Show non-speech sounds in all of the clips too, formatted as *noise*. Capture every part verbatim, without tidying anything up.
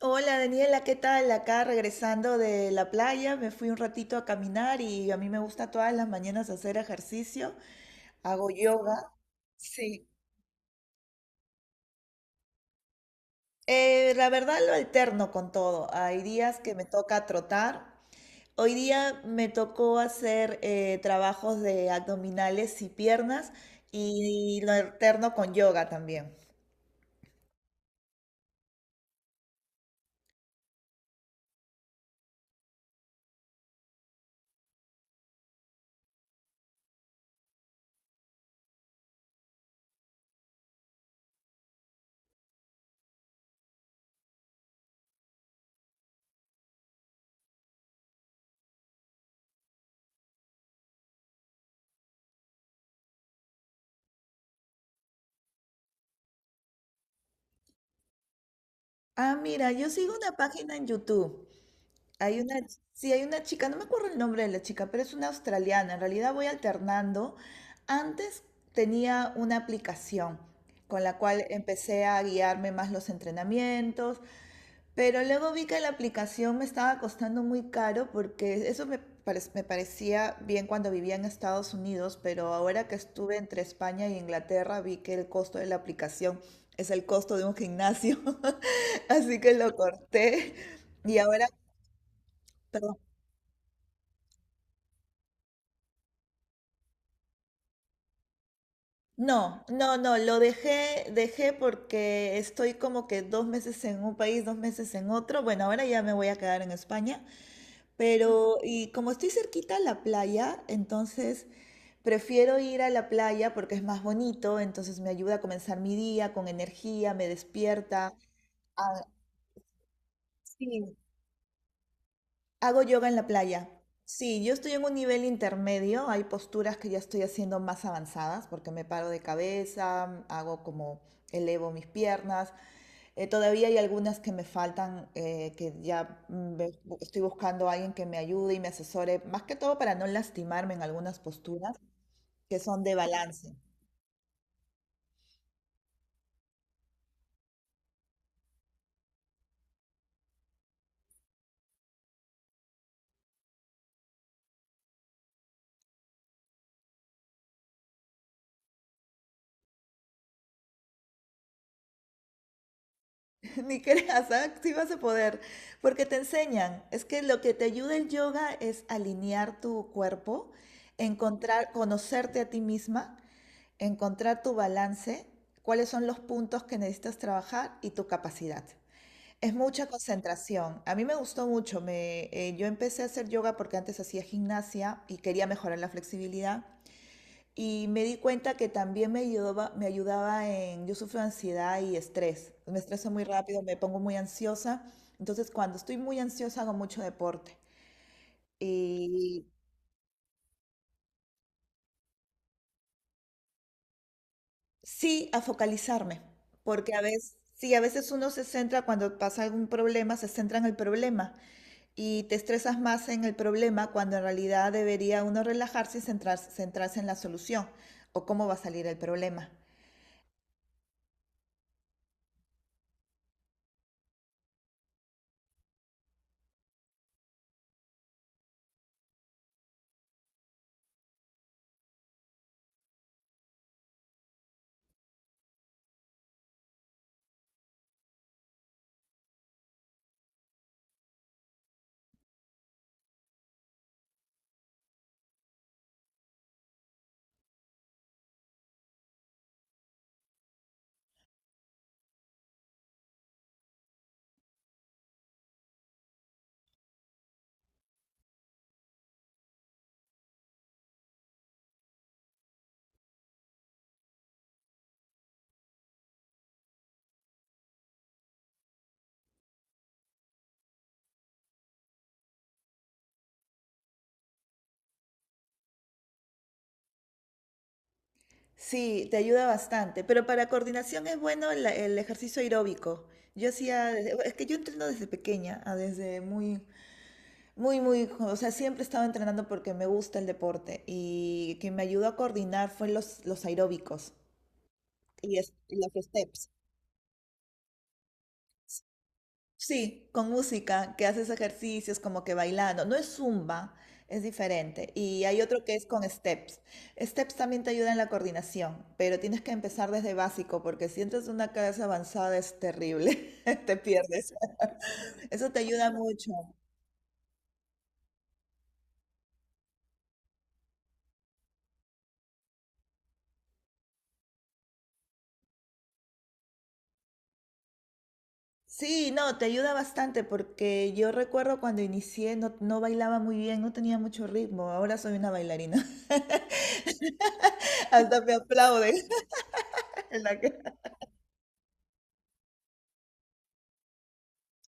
Hola Daniela, ¿qué tal? Acá regresando de la playa, me fui un ratito a caminar y a mí me gusta todas las mañanas hacer ejercicio, hago yoga. Sí. Eh, la verdad lo alterno con todo. Hay días que me toca trotar. Hoy día me tocó hacer eh, trabajos de abdominales y piernas y lo alterno con yoga también. Ah, mira, yo sigo una página en YouTube. Hay una, sí, hay una chica, no me acuerdo el nombre de la chica, pero es una australiana. En realidad voy alternando. Antes tenía una aplicación con la cual empecé a guiarme más los entrenamientos, pero luego vi que la aplicación me estaba costando muy caro porque eso me, parec- me parecía bien cuando vivía en Estados Unidos, pero ahora que estuve entre España y Inglaterra vi que el costo de la aplicación es el costo de un gimnasio, *laughs* así que lo corté y ahora... No, no, no, lo dejé, dejé porque estoy como que dos meses en un país, dos meses en otro. Bueno, ahora ya me voy a quedar en España, pero y como estoy cerquita a la playa, entonces prefiero ir a la playa porque es más bonito, entonces me ayuda a comenzar mi día con energía, me despierta. Ah, sí, hago yoga en la playa. Sí, yo estoy en un nivel intermedio, hay posturas que ya estoy haciendo más avanzadas porque me paro de cabeza, hago como elevo mis piernas. Eh, todavía hay algunas que me faltan, eh, que ya mm, ve- bu- estoy buscando a alguien que me ayude y me asesore, más que todo para no lastimarme en algunas posturas que son de balance. *laughs* Ni creas, ¿ah? Sí vas a poder, porque te enseñan. Es que lo que te ayuda el yoga es alinear tu cuerpo, encontrar, conocerte a ti misma, encontrar tu balance, cuáles son los puntos que necesitas trabajar y tu capacidad. Es mucha concentración. A mí me gustó mucho. Me, eh, yo empecé a hacer yoga porque antes hacía gimnasia y quería mejorar la flexibilidad. Y me di cuenta que también me ayudaba, me ayudaba en... Yo sufro de ansiedad y estrés. Me estreso muy rápido, me pongo muy ansiosa. Entonces, cuando estoy muy ansiosa, hago mucho deporte. Y sí, a focalizarme. Porque a veces, sí, a veces uno se centra cuando pasa algún problema, se centra en el problema, y te estresas más en el problema cuando en realidad debería uno relajarse y centrarse, centrarse en la solución o cómo va a salir el problema. Sí, te ayuda bastante, pero para coordinación es bueno el, el ejercicio aeróbico. Yo hacía, desde- es que yo entreno desde pequeña, ah, desde muy, muy, muy, jo- o sea, siempre estaba entrenando porque me gusta el deporte y que me ayudó a coordinar fue los, los aeróbicos y, es- y los steps. Sí, con música, que haces ejercicios como que bailando. No es zumba, es diferente. Y hay otro que es con steps. Steps también te ayuda en la coordinación, pero tienes que empezar desde básico porque si entras en una clase avanzada es terrible, *laughs* te pierdes. Eso te ayuda mucho. Sí, no, te ayuda bastante porque yo recuerdo cuando inicié no, no bailaba muy bien, no tenía mucho ritmo. Ahora soy una bailarina. *laughs* Hasta me aplauden. *laughs* En la que-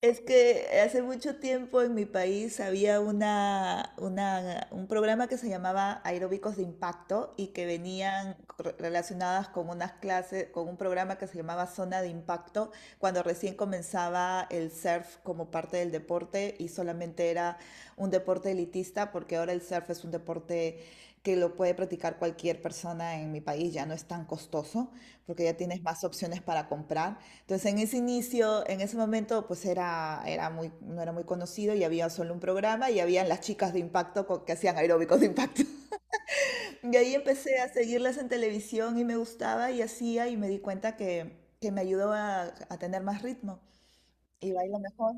Es que hace mucho tiempo en mi país había una, una- un programa que se llamaba Aeróbicos de Impacto y que venían cor- relacionadas con unas clases, con un programa que se llamaba Zona de Impacto, cuando recién comenzaba el surf como parte del deporte y solamente era un deporte elitista, porque ahora el surf es un deporte que lo puede practicar cualquier persona en mi país, ya no es tan costoso, porque ya tienes más opciones para comprar. Entonces, en ese inicio, en ese momento, pues era, era muy, no era muy conocido y había solo un programa y habían las chicas de impacto co- que hacían aeróbicos de impacto. *laughs* Y ahí empecé a seguirlas en televisión y me gustaba y hacía y me di cuenta que, que me ayudó a, a tener más ritmo y bailo mejor.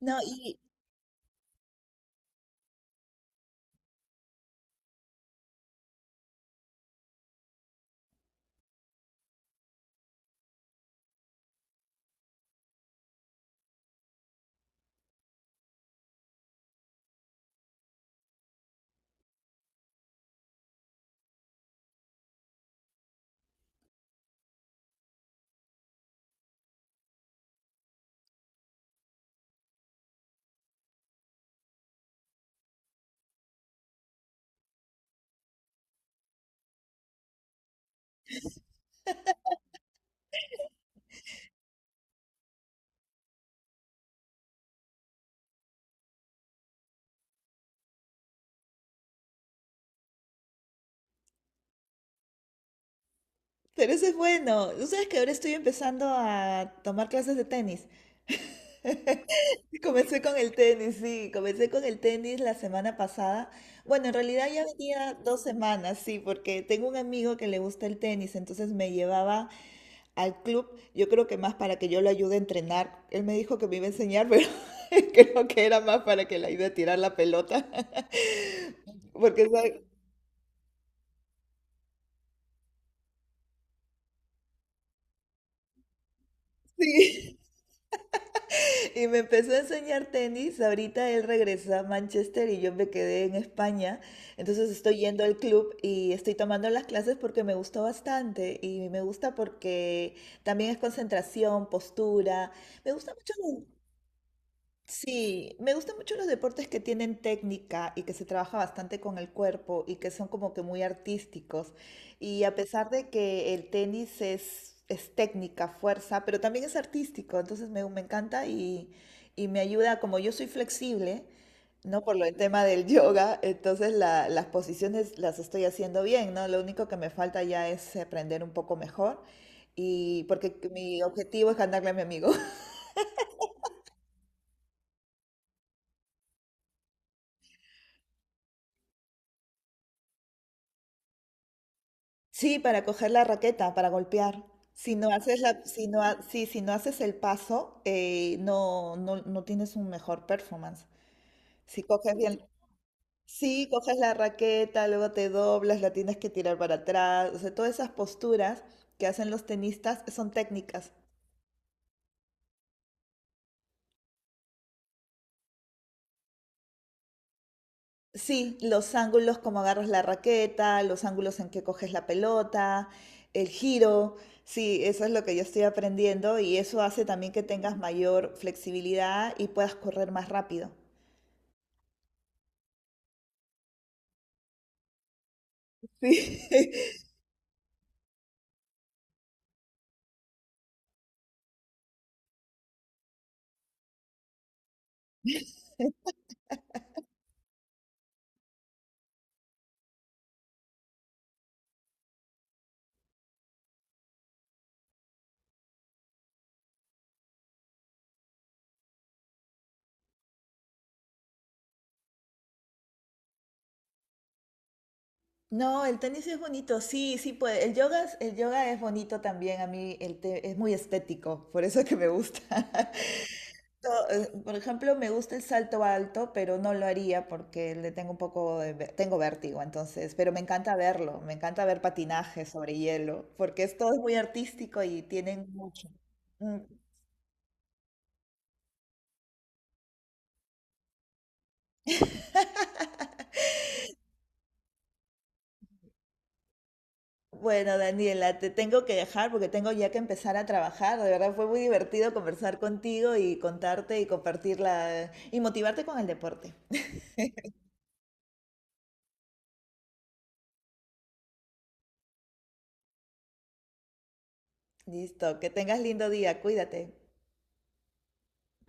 No, y, pero eso es bueno. Tú sabes que ahora estoy empezando a tomar clases de tenis. *laughs* Sí, comencé con el tenis, sí, comencé con el tenis la semana pasada. Bueno, en realidad ya venía dos semanas, sí, porque tengo un amigo que le gusta el tenis, entonces me llevaba al club, yo creo que más para que yo lo ayude a entrenar. Él me dijo que me iba a enseñar, pero *laughs* creo que era más para que le ayude a tirar la pelota. *laughs* Porque, ¿sabe? Sí. *laughs* Y me empezó a enseñar tenis. Ahorita él regresa a Manchester y yo me quedé en España. Entonces estoy yendo al club y estoy tomando las clases porque me gustó bastante. Y me gusta porque también es concentración, postura. Me gusta mucho. Sí, me gustan mucho los deportes que tienen técnica y que se trabaja bastante con el cuerpo y que son como que muy artísticos. Y a pesar de que el tenis es, es técnica, fuerza, pero también es artístico, entonces me, me encanta y, y me ayuda, como yo soy flexible, ¿no? Por lo el tema del yoga, entonces la- las posiciones las estoy haciendo bien, ¿no? Lo único que me falta ya es aprender un poco mejor y porque mi objetivo es ganarle a mi amigo. Sí, para coger la raqueta, para golpear. Si no haces la, si no, ha- sí, si no haces el paso, eh, no, no, no tienes un mejor performance. Si coges bien, sí, coges la raqueta, luego te doblas, la tienes que tirar para atrás. O sea, todas esas posturas que hacen los tenistas son técnicas. Sí, los ángulos como agarras la raqueta, los ángulos en que coges la pelota, el giro. Sí, eso es lo que yo estoy aprendiendo y eso hace también que tengas mayor flexibilidad y puedas correr más rápido. Sí. *laughs* No, el tenis es bonito, sí, sí puede. El yoga, es- el yoga es bonito también, a mí el te- es muy estético, por eso que me gusta. Salto, eh, por ejemplo, me gusta el salto alto, pero no lo haría porque le tengo un poco de, ve- tengo vértigo, entonces, pero me encanta verlo, me encanta ver patinaje sobre hielo, porque es todo es muy artístico y tienen mucho. Mm. Bueno, Daniela, te tengo que dejar porque tengo ya que empezar a trabajar. De verdad fue muy divertido conversar contigo y contarte y compartirla y motivarte con el deporte. Listo, que tengas lindo día, cuídate.